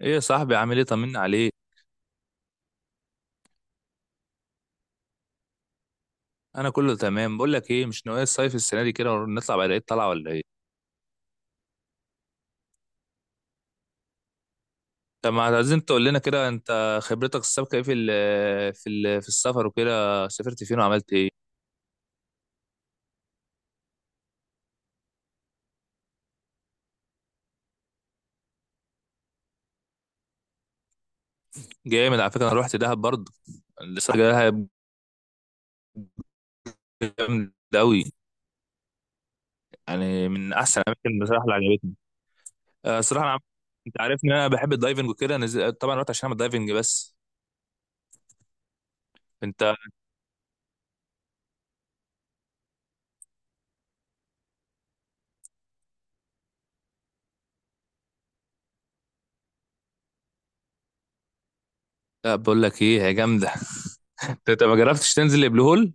ايه يا صاحبي، عامل ايه؟ طمنا عليك. انا كله تمام. بقول لك ايه، مش ناوي الصيف السنه دي كده ونطلع بعد العيد؟ طالعه ولا ايه؟ طب ما عايزين تقول لنا كده، انت خبرتك السابقه ايه في السفر وكده، سافرت فين وعملت ايه؟ جامد، على فكره انا رحت دهب برضه. لسه رايح دهب. جامد قوي، يعني من احسن الاماكن بصراحه اللي عجبتني. الصراحه انا، انت عارف ان انا بحب الدايفنج وكده، طبعا رحت عشان اعمل دايفنج بس. انت، لا بقول لك ايه، هي جامده. انت ما جربتش تنزل البلو هول؟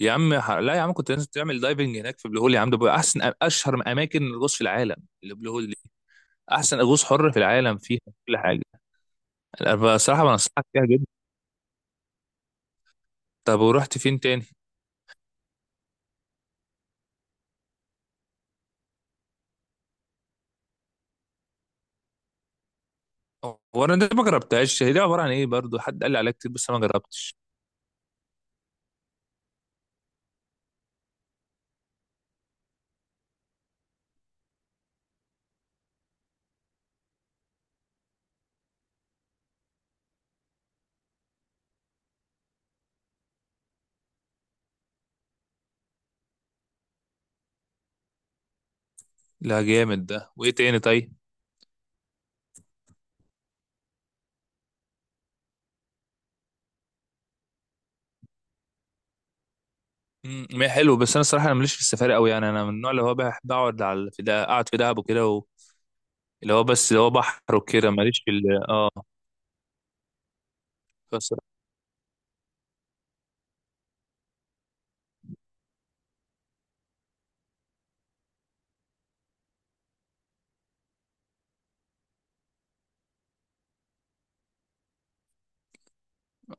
يا عم، لا يا عم، كنت لازم تعمل دايفنج هناك في بلو هول يا عم، ده بقى احسن اشهر اماكن الغوص في العالم. اللي بلو هول دي احسن غوص حر في العالم فيها كل حاجه. انا بصراحه بنصحك فيها جدا. طب ورحت فين تاني؟ هو انا ده ما جربتهاش، هي دي عباره عن ايه برضو؟ حد قال لي عليها كتير بس انا ما جربتش. لا جامد ده. وايه تاني طيب؟ ما هي حلو، بس انا الصراحه انا ماليش في السفاري قوي. يعني انا من النوع اللي هو بحب اقعد على في ده، اقعد في دهب وكده و- اللي هو بس اللي هو بحر وكده، ماليش اه.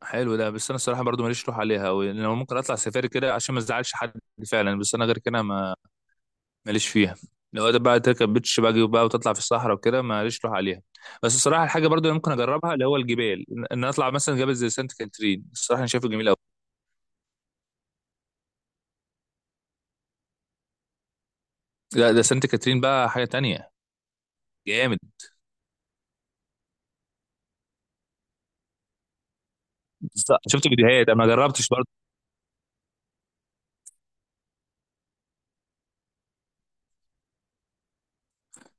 حلو ده، بس انا الصراحه برضو ماليش روح عليها أوي، لان انا ممكن اطلع سفاري كده عشان ما ازعلش حد فعلا، بس انا غير كده ما ماليش فيها. لو ده بقى تركب بيتش باجي وبقى وتطلع في الصحراء وكده، ماليش روح عليها. بس الصراحه، الحاجه برضو اللي ممكن اجربها اللي هو الجبال، ان أنا اطلع مثلا جبل زي سانت كاترين، الصراحه انا شايفه جميل قوي. لا ده سانت كاترين بقى حاجه تانية. جامد. بالظبط، شفت فيديوهات انا ما جربتش برضه.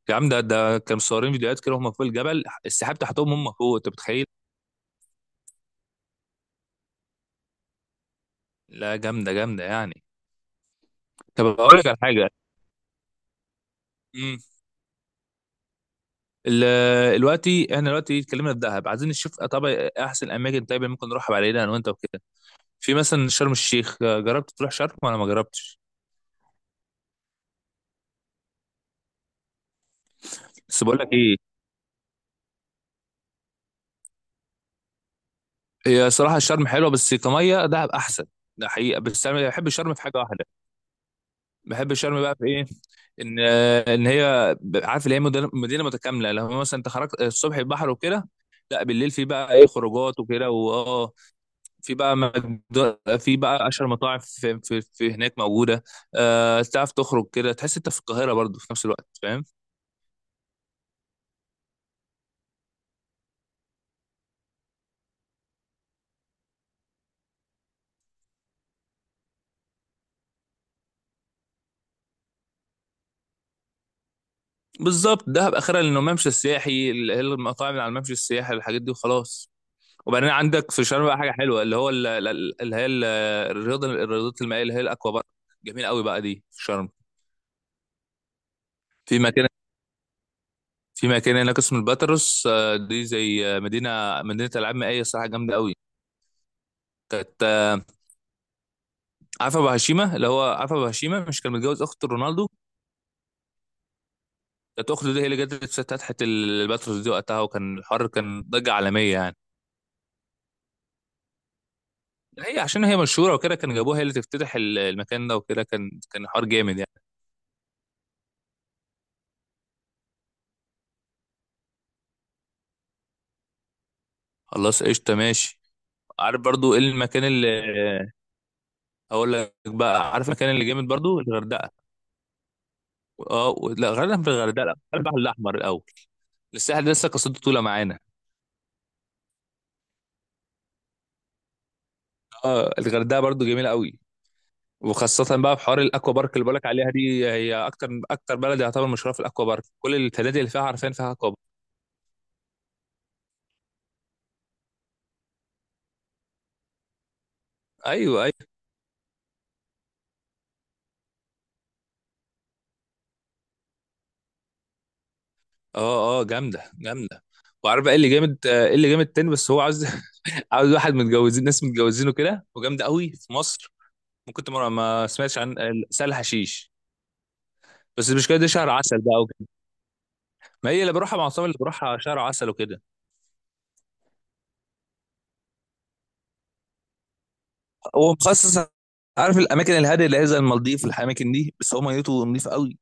يا عم ده كانوا مصورين فيديوهات كده، هم فوق الجبل، السحاب تحتهم، هم فوق. انت متخيل؟ لا جامده جامده يعني. طب اقول لك على حاجه، دلوقتي احنا دلوقتي اتكلمنا في دهب، عايزين نشوف طبعا احسن اماكن طيب ممكن نروح علينا انا وانت وكده. في مثلا شرم الشيخ، جربت تروح شرم ولا ما جربتش؟ بس بقول لك ايه، هي صراحه شرم حلوه، بس كميه دهب احسن. ده حقيقه. بس انا بحب شرم في حاجه واحده. بحب شرم بقى في ايه؟ ان ان هي، عارف اللي هي مدينه متكامله، لو مثلا انت خرجت الصبح البحر وكده، لا بالليل في بقى ايه خروجات وكده واه. في بقى في بقى اشهر مطاعم في هناك موجوده. تعرف تخرج كده تحس انت في القاهره برضو في نفس الوقت، فاهم. بالظبط دهب اخرها، لانه الممشى السياحي، المطاعم اللي على الممشى السياحي، الحاجات دي وخلاص. وبعدين عندك في شرم بقى حاجه حلوه، اللي هو الرياضه، الرياضات المائيه، اللي هي الاكوا بارك. جميل قوي بقى دي في شرم. في مكان، في مكان هناك اسمه الباتروس، دي زي مدينه، مدينه العاب مائيه، الصراحه جامده قوي. كانت عارفه ابو هشيمه، اللي هو عارفه ابو هشيمه مش كان متجوز اخت رونالدو؟ كانت اخته دي هي اللي جت فتحت الباتروس دي وقتها، وكان الحر، كان ضجه عالميه يعني. هي عشان هي مشهوره وكده، كان جابوها هي اللي تفتتح المكان ده، وكده كان حوار جامد يعني. خلاص قشطه، ماشي. عارف برضو ايه المكان اللي، هقول لك بقى، عارف المكان اللي جامد برضو؟ الغردقه. اه و- لا غردقه، في الغردقه، لا البحر الاحمر الاول، الساحل ده لسه قصته طويله معانا. اه الغردقه برضو جميله قوي، وخاصة بقى في حوار الاكوا بارك اللي بقولك عليها دي، هي اكتر اكتر بلد يعتبر مشهوره في الاكوا بارك، كل الفنادق اللي فيها عارفين فيها اكوا بارك. ايوه، أيوة. اه اه، جامده جامده. وعارف بقى ايه اللي جامد، ايه اللي جامد تاني؟ بس هو عاوز، عاوز واحد متجوزين، ناس متجوزينه كده، وجامده قوي في مصر، ممكن تمر. ما سمعتش عن سهل حشيش؟ بس المشكله دي شهر عسل بقى وكده. ما هي اللي بروحها مع اصحابي، اللي بروحها شهر عسل وكده. هو مخصص، عارف الاماكن الهاديه اللي هي زي المالديف الاماكن دي، بس هو ميته نضيف قوي.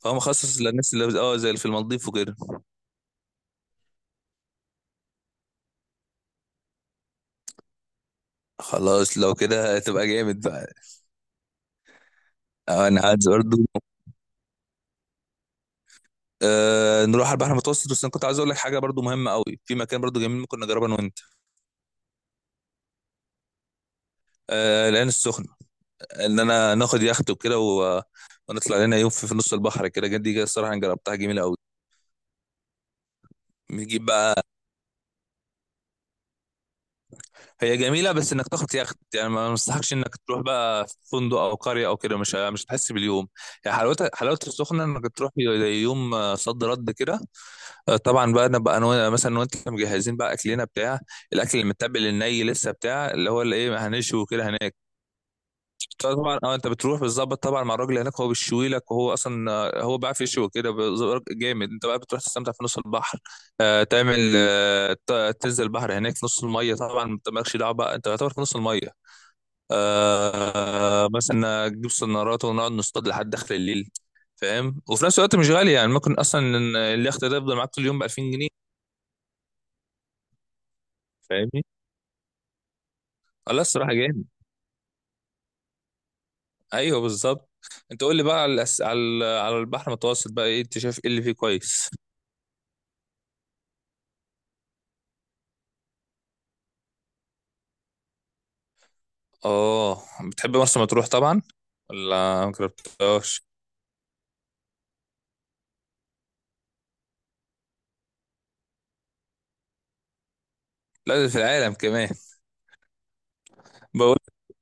فهو مخصص للناس اللي اه زي اللي في المالديف وكده. خلاص لو كده هتبقى جامد بقى. انا عايز برضه، آه نروح على البحر المتوسط، بس انا كنت عايز اقول لك حاجه برضو مهمه قوي، في مكان برضو جميل ممكن نجربه انا وانت. آه، العين السخنه. ان انا ناخد يخت وكده و... ونطلع لنا يوم في نص البحر كده جد، دي الصراحه انا جربتها جميله قوي. بنجيب بقى، هي جميله بس انك تاخد يخت. يعني ما مستحقش انك تروح بقى في فندق او قريه او كده، مش هتحس باليوم يعني. حلاوتها، حلاوه السخنه انك تروح زي يوم صد رد كده. طبعا بقى نبقى انا مثلا وانت مجهزين بقى اكلنا، بتاع الاكل المتبل الني لسه، بتاع اللي هو اللي ايه، هنشوي وكده هناك. طبعا اه، انت بتروح بتظبط طبعا مع الراجل هناك، هو بيشوي لك، وهو اصلا هو بيعرف يشوي كده جامد. انت بقى بتروح تستمتع في نص البحر، آه تعمل آه، تنزل البحر هناك في نص الميه، طبعا انت مالكش دعوه بقى، انت يعتبر في نص الميه، آه مثلا تجيب سنارات ونقعد نصطاد لحد داخل الليل، فاهم. وفي نفس الوقت مش غالي يعني، ممكن اصلا إن اليخت ده يفضل معاك طول اليوم ب 2000 جنيه. فاهمني؟ لا الصراحه جامد. ايوه بالظبط. انت قول لي بقى على على على البحر المتوسط بقى، ايه انت شايف ايه اللي فيه كويس؟ اه، بتحب مرسى مطروح طبعا ولا ما جربتهاش؟ لا ده في العالم كمان. بقول،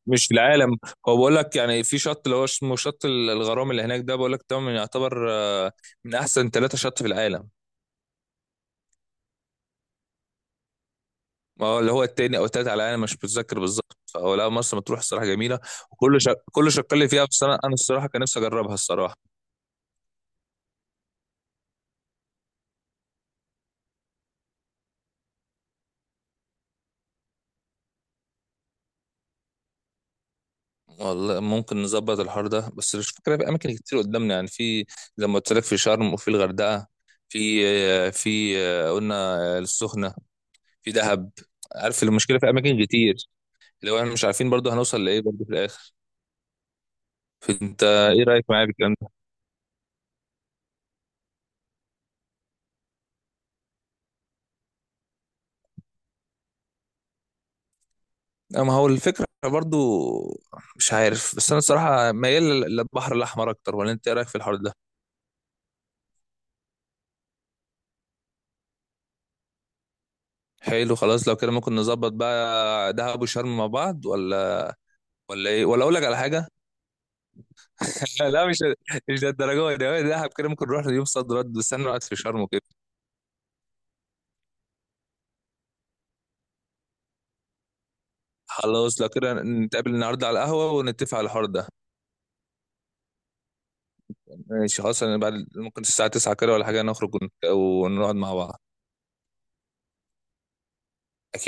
مش في العالم، هو بقول لك يعني في شط اللي هو اسمه شط الغرام اللي هناك ده، بقول لك ده من يعتبر من احسن ثلاثة شط في العالم. ما هو اللي هو التاني او التالت على العالم، مش متذكر بالظبط. فهو لا مرسى مطروح الصراحة جميلة، وكل كل شق اللي فيها، بس انا أنا الصراحة كان نفسي اجربها الصراحة. والله ممكن نظبط الحوار ده، بس مش فكرة، في اماكن كتير قدامنا يعني، في زي ما قلت لك في شرم وفي الغردقه، في في قلنا السخنه، في دهب. عارف المشكله في اماكن كتير، لو احنا مش عارفين برضو هنوصل لايه برضو في الاخر. فانت ايه رايك معايا في الكلام ده؟ اما هو الفكره برضو، مش عارف، بس انا الصراحه ميال للبحر الاحمر اكتر، ولا انت ايه رايك في الحوار ده؟ حلو خلاص، لو كده ممكن نظبط بقى دهب وشرم مع بعض، ولا ايه، ولا اقول لك على حاجه؟ لا لا، مش للدرجه دي، دهب كده ممكن نروح يوم صد رد، بس انا قاعد في شرم وكده. خلاص لو كده نتقابل النهارده على القهوه ونتفق على الحوار ده. ماشي خلاص، انا بعد ممكن الساعه 9 كده ولا حاجه، نخرج ونقعد مع بعض.